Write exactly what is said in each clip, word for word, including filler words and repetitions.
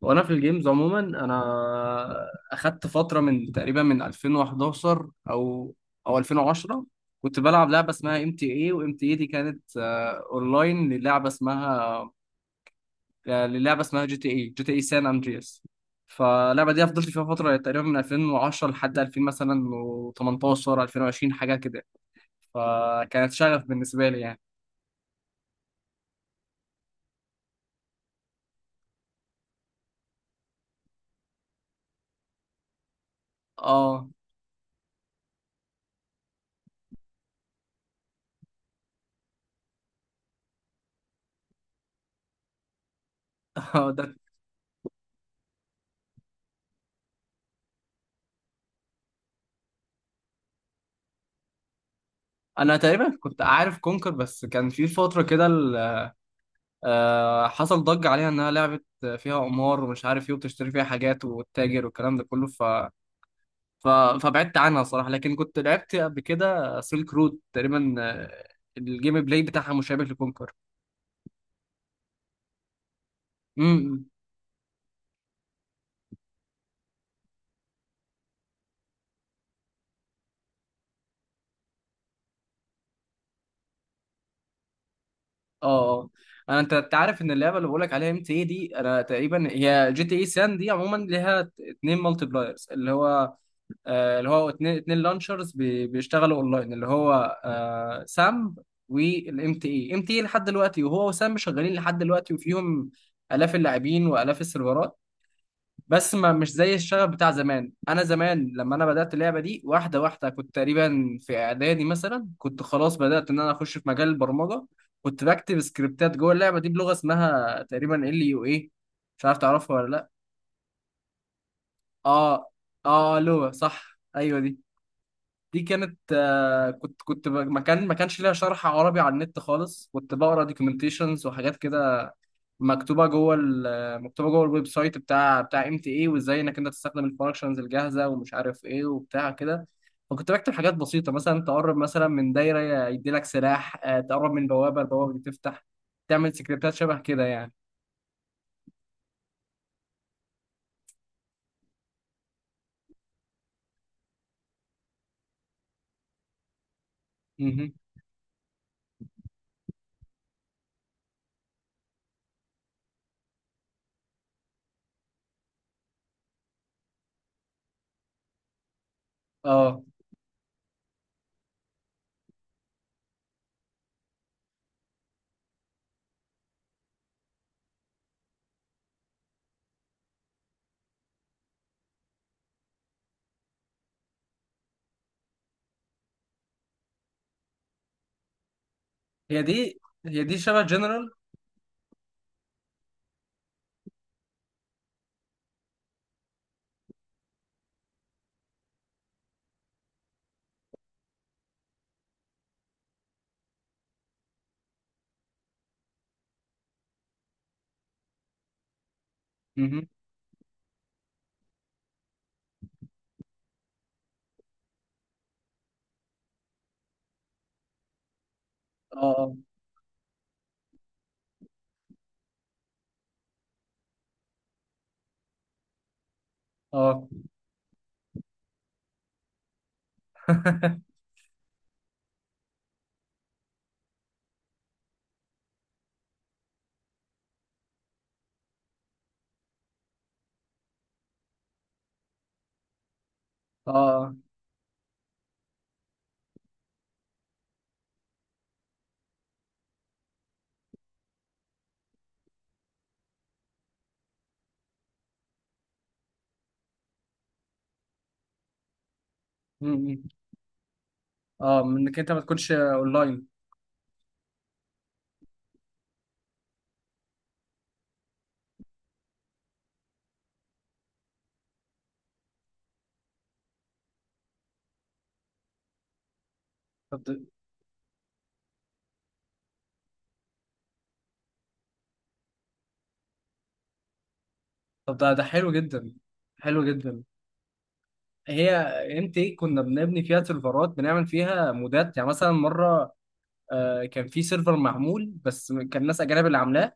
وانا في الجيمز عموما انا اخدت فتره من تقريبا من ألفين وحداشر او او ألفين وعشرة كنت بلعب لعبه اسمها ام تي اي وام تي اي دي، كانت آه، اونلاين للعبه اسمها آه، للعبه اسمها جي تي اي جي تي اي سان اندرياس. فاللعبه دي فضلت فيها فتره تقريبا من ألفين وعشرة لحد ألفين مثلا وتمنتاشر ألفين وعشرين حاجه كده، فكانت شغف بالنسبه لي يعني. اه. ده انا تقريبا كنت عارف كونكر، بس كان في فتره كده آه، حصل ضجة عليها إنها لعبة فيها قمار ومش عارف إيه، وبتشتري فيها حاجات وتتاجر والكلام ده كله. ف... ف... فبعدت عنها صراحة، لكن كنت لعبت قبل كده سيلك رود تقريبا. آه، الجيم بلاي بتاعها مشابه لكونكر. امم. اه. اه. انا انت أنت عارف ان اللعبه اللي بقول لك عليها ام تي اي دي انا تقريبا هي جي تي اي سان دي. عموما ليها اتنين مالتي بلايرز، اللي هو آه، اللي هو اتنين اتنين لانشرز بي- بيشتغلوا اونلاين، اللي هو آه، سام والام تي اي ام تي اي لحد دلوقتي، وهو وسام شغالين لحد دلوقتي وفيهم الاف اللاعبين والاف السيرفرات. بس ما مش زي الشغف بتاع زمان. انا زمان لما انا بدات اللعبه دي واحده واحده، كنت تقريبا في اعدادي مثلا، كنت خلاص بدات ان انا اخش في مجال البرمجه، كنت بكتب سكريبتات جوه اللعبه دي بلغه اسمها تقريبا ال يو اي، مش عارف تعرفها ولا لا. اه. اه لغه، صح. ايوه، دي دي كانت آه، كنت كنت ب- ما كان ما كانش ليها شرح عربي على النت خالص، كنت بقرا دوكيومنتيشنز وحاجات كده مكتوبه جوه ال- مكتوبه جوه الويب سايت بتاع بتاع ام تي اي، وازاي انك انت تستخدم الفانكشنز الجاهزه ومش عارف ايه وبتاع كده. فكنت بكتب حاجات بسيطه، مثلا تقرب مثلا من دايره يدي لك سلاح، آه، تقرب من بوابه البوابه دي تفتح، تعمل سكريبتات شبه كده يعني. مهم. اه. هي دي هي دي شبه جنرال. مهم. اه. اه. اه. اه. آه. مم. اه، من انك انت ما تكونش اونلاين. طب ده- طب ده ده حلو جدا، حلو جدا. هي، انت، إيه، كنا بنبني فيها سيرفرات، بنعمل فيها مودات، يعني مثلا مره آه، كان في سيرفر معمول بس كان ناس اجانب اللي عاملاه.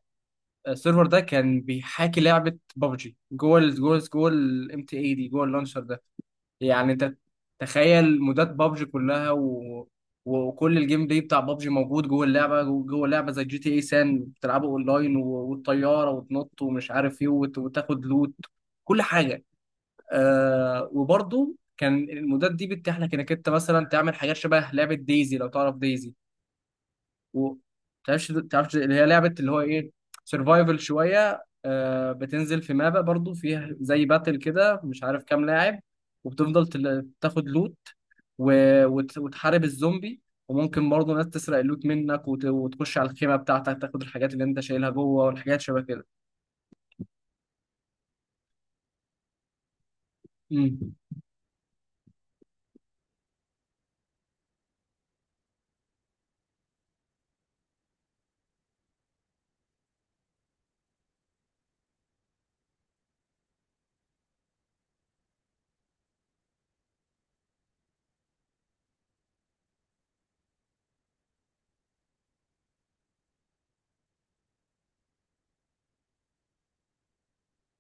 السيرفر ده كان بيحاكي لعبه ببجي جوه ال جوه ال- جوه الام تي اي دي، جوه اللانشر ده. يعني انت تخيل مودات بابجي كلها، و... وكل الجيم بلاي بتاع بابجي موجود جوه اللعبه، جو- جوه اللعبه زي جي تي اي سان بتلعبه اونلاين، و... والطياره وتنط ومش عارف ايه، وت... وتاخد لوت، كل حاجه. آه، وبرضه كان المودات دي بتتيح لك انك انت مثلا تعمل حاجات شبه لعبه ديزي، لو تعرف ديزي. و تعرفش تعرفش اللي هي لعبه، اللي هو ايه، سرفايفل شويه. آه، بتنزل في مابا، برضو فيها زي باتل كده مش عارف كام لاعب، وبتفضل تل- تاخد لوت، و... وت... وتحارب الزومبي. وممكن برضو ناس تسرق اللوت منك، وت... وتخش على الخيمه بتاعتك، تاخد الحاجات اللي انت شايلها جوه، والحاجات شبه كده. مم.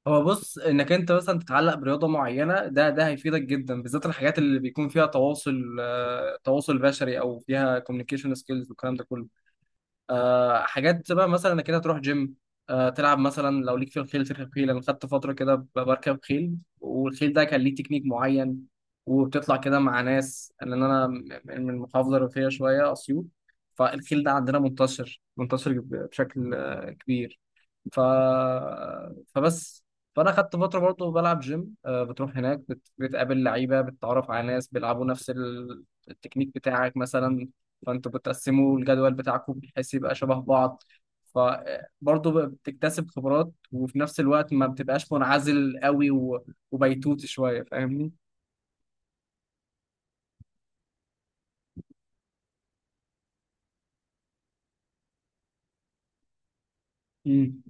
هو بص، انك انت مثلا تتعلق برياضه معينه، ده ده هيفيدك جدا، بالذات الحاجات اللي بيكون فيها تواصل، آه، تواصل بشري، او فيها كوميونيكيشن سكيلز والكلام ده كله. آه، حاجات بقى مثلا انك كده تروح جيم، آه، تلعب، مثلا لو ليك في الخيل تركب خيل. انا خدت فتره كده ب- بركب خيل، والخيل ده كان ليه تكنيك معين، وبتطلع كده مع ناس، لان انا م- من المحافظه الريفيه شويه، اسيوط، فالخيل ده عندنا منتشر منتشر ب- بشكل آه، كبير. ف... فبس فانا خدت فتره برضه بلعب جيم، آه، بتروح هناك بت... بتقابل لعيبه، بتتعرف على ناس بيلعبوا نفس ال- التكنيك بتاعك مثلا، فانتوا بتقسموا الجدول بتاعكم بحيث يبقى شبه بعض، فبرضه بتكتسب خبرات، وفي نفس الوقت ما بتبقاش منعزل قوي و... وبيتوت شويه. فاهمني؟ مم.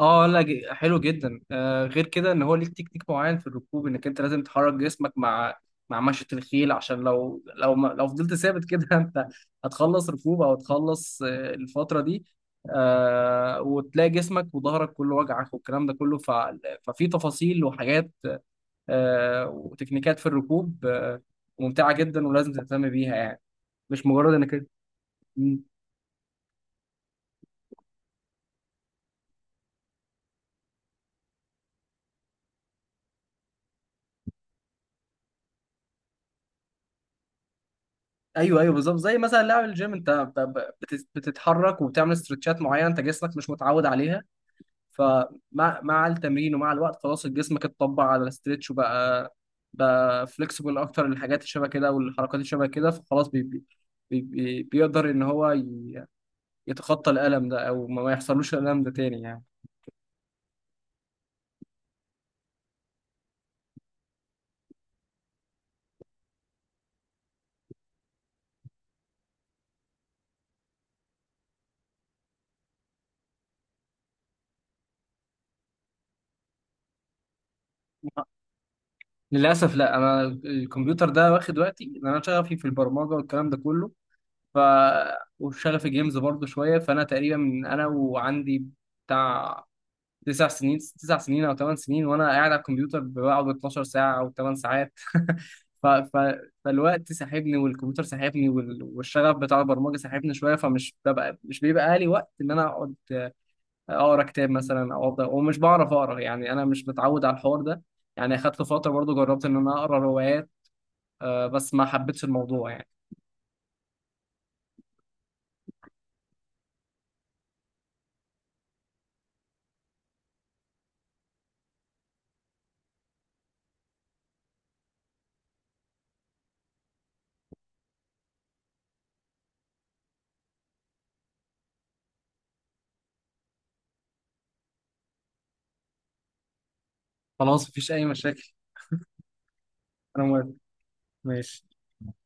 اه، لا، ج- حلو جدا. آه، غير كده ان هو ليك تكنيك معين في الركوب، انك انت لازم تحرك جسمك مع مع مشية الخيل، عشان لو لو ما لو فضلت ثابت كده انت هتخلص ركوب، او هتخلص آه الفترة دي. آه، وتلاقي جسمك وظهرك كله وجعك والكلام ده كله. ف... ففي تفاصيل وحاجات، آه، وتكنيكات في الركوب، آه، ممتعة جدا ولازم تهتم بيها يعني، مش مجرد انك... ايوه، ايوه، بالظبط. زي مثلا لعب الجيم، انت ب- ب- بت- بتتحرك وبتعمل استرتشات معينه، انت جسمك مش متعود عليها، فمع مع التمرين ومع الوقت خلاص جسمك اتطبع على الاسترتش، وبقى بقى فليكسبل اكتر للحاجات اللي شبه كده والحركات اللي شبه كده، فخلاص بي بي بي بي بيقدر ان هو ي- يتخطى الالم ده، او ما ما يحصلوش الالم ده تاني يعني. للاسف لا، انا الكمبيوتر ده واخد وقتي، ان انا شغفي في البرمجه والكلام ده كله، ف وشغفي جيمز برضو شويه. فانا تقريبا من انا وعندي بتاع تسع سنين تسع سنين او ثمان سنين وانا قاعد على الكمبيوتر، بقعد اثنا عشر ساعه او ثمان ساعات. ف... ف... فالوقت ساحبني والكمبيوتر ساحبني وال... والشغف بتاع البرمجه ساحبني شويه، فمش ببقى مش بيبقى لي وقت ان انا اقعد اقرا كتاب مثلا، او افضل ومش بعرف اقرا يعني، انا مش متعود على الحوار ده. يعني اخدت فتره برضو جربت ان انا اقرا روايات، آه، بس ما حبيتش الموضوع يعني. خلاص مفيش اي مشاكل. انا موافق. ماشي.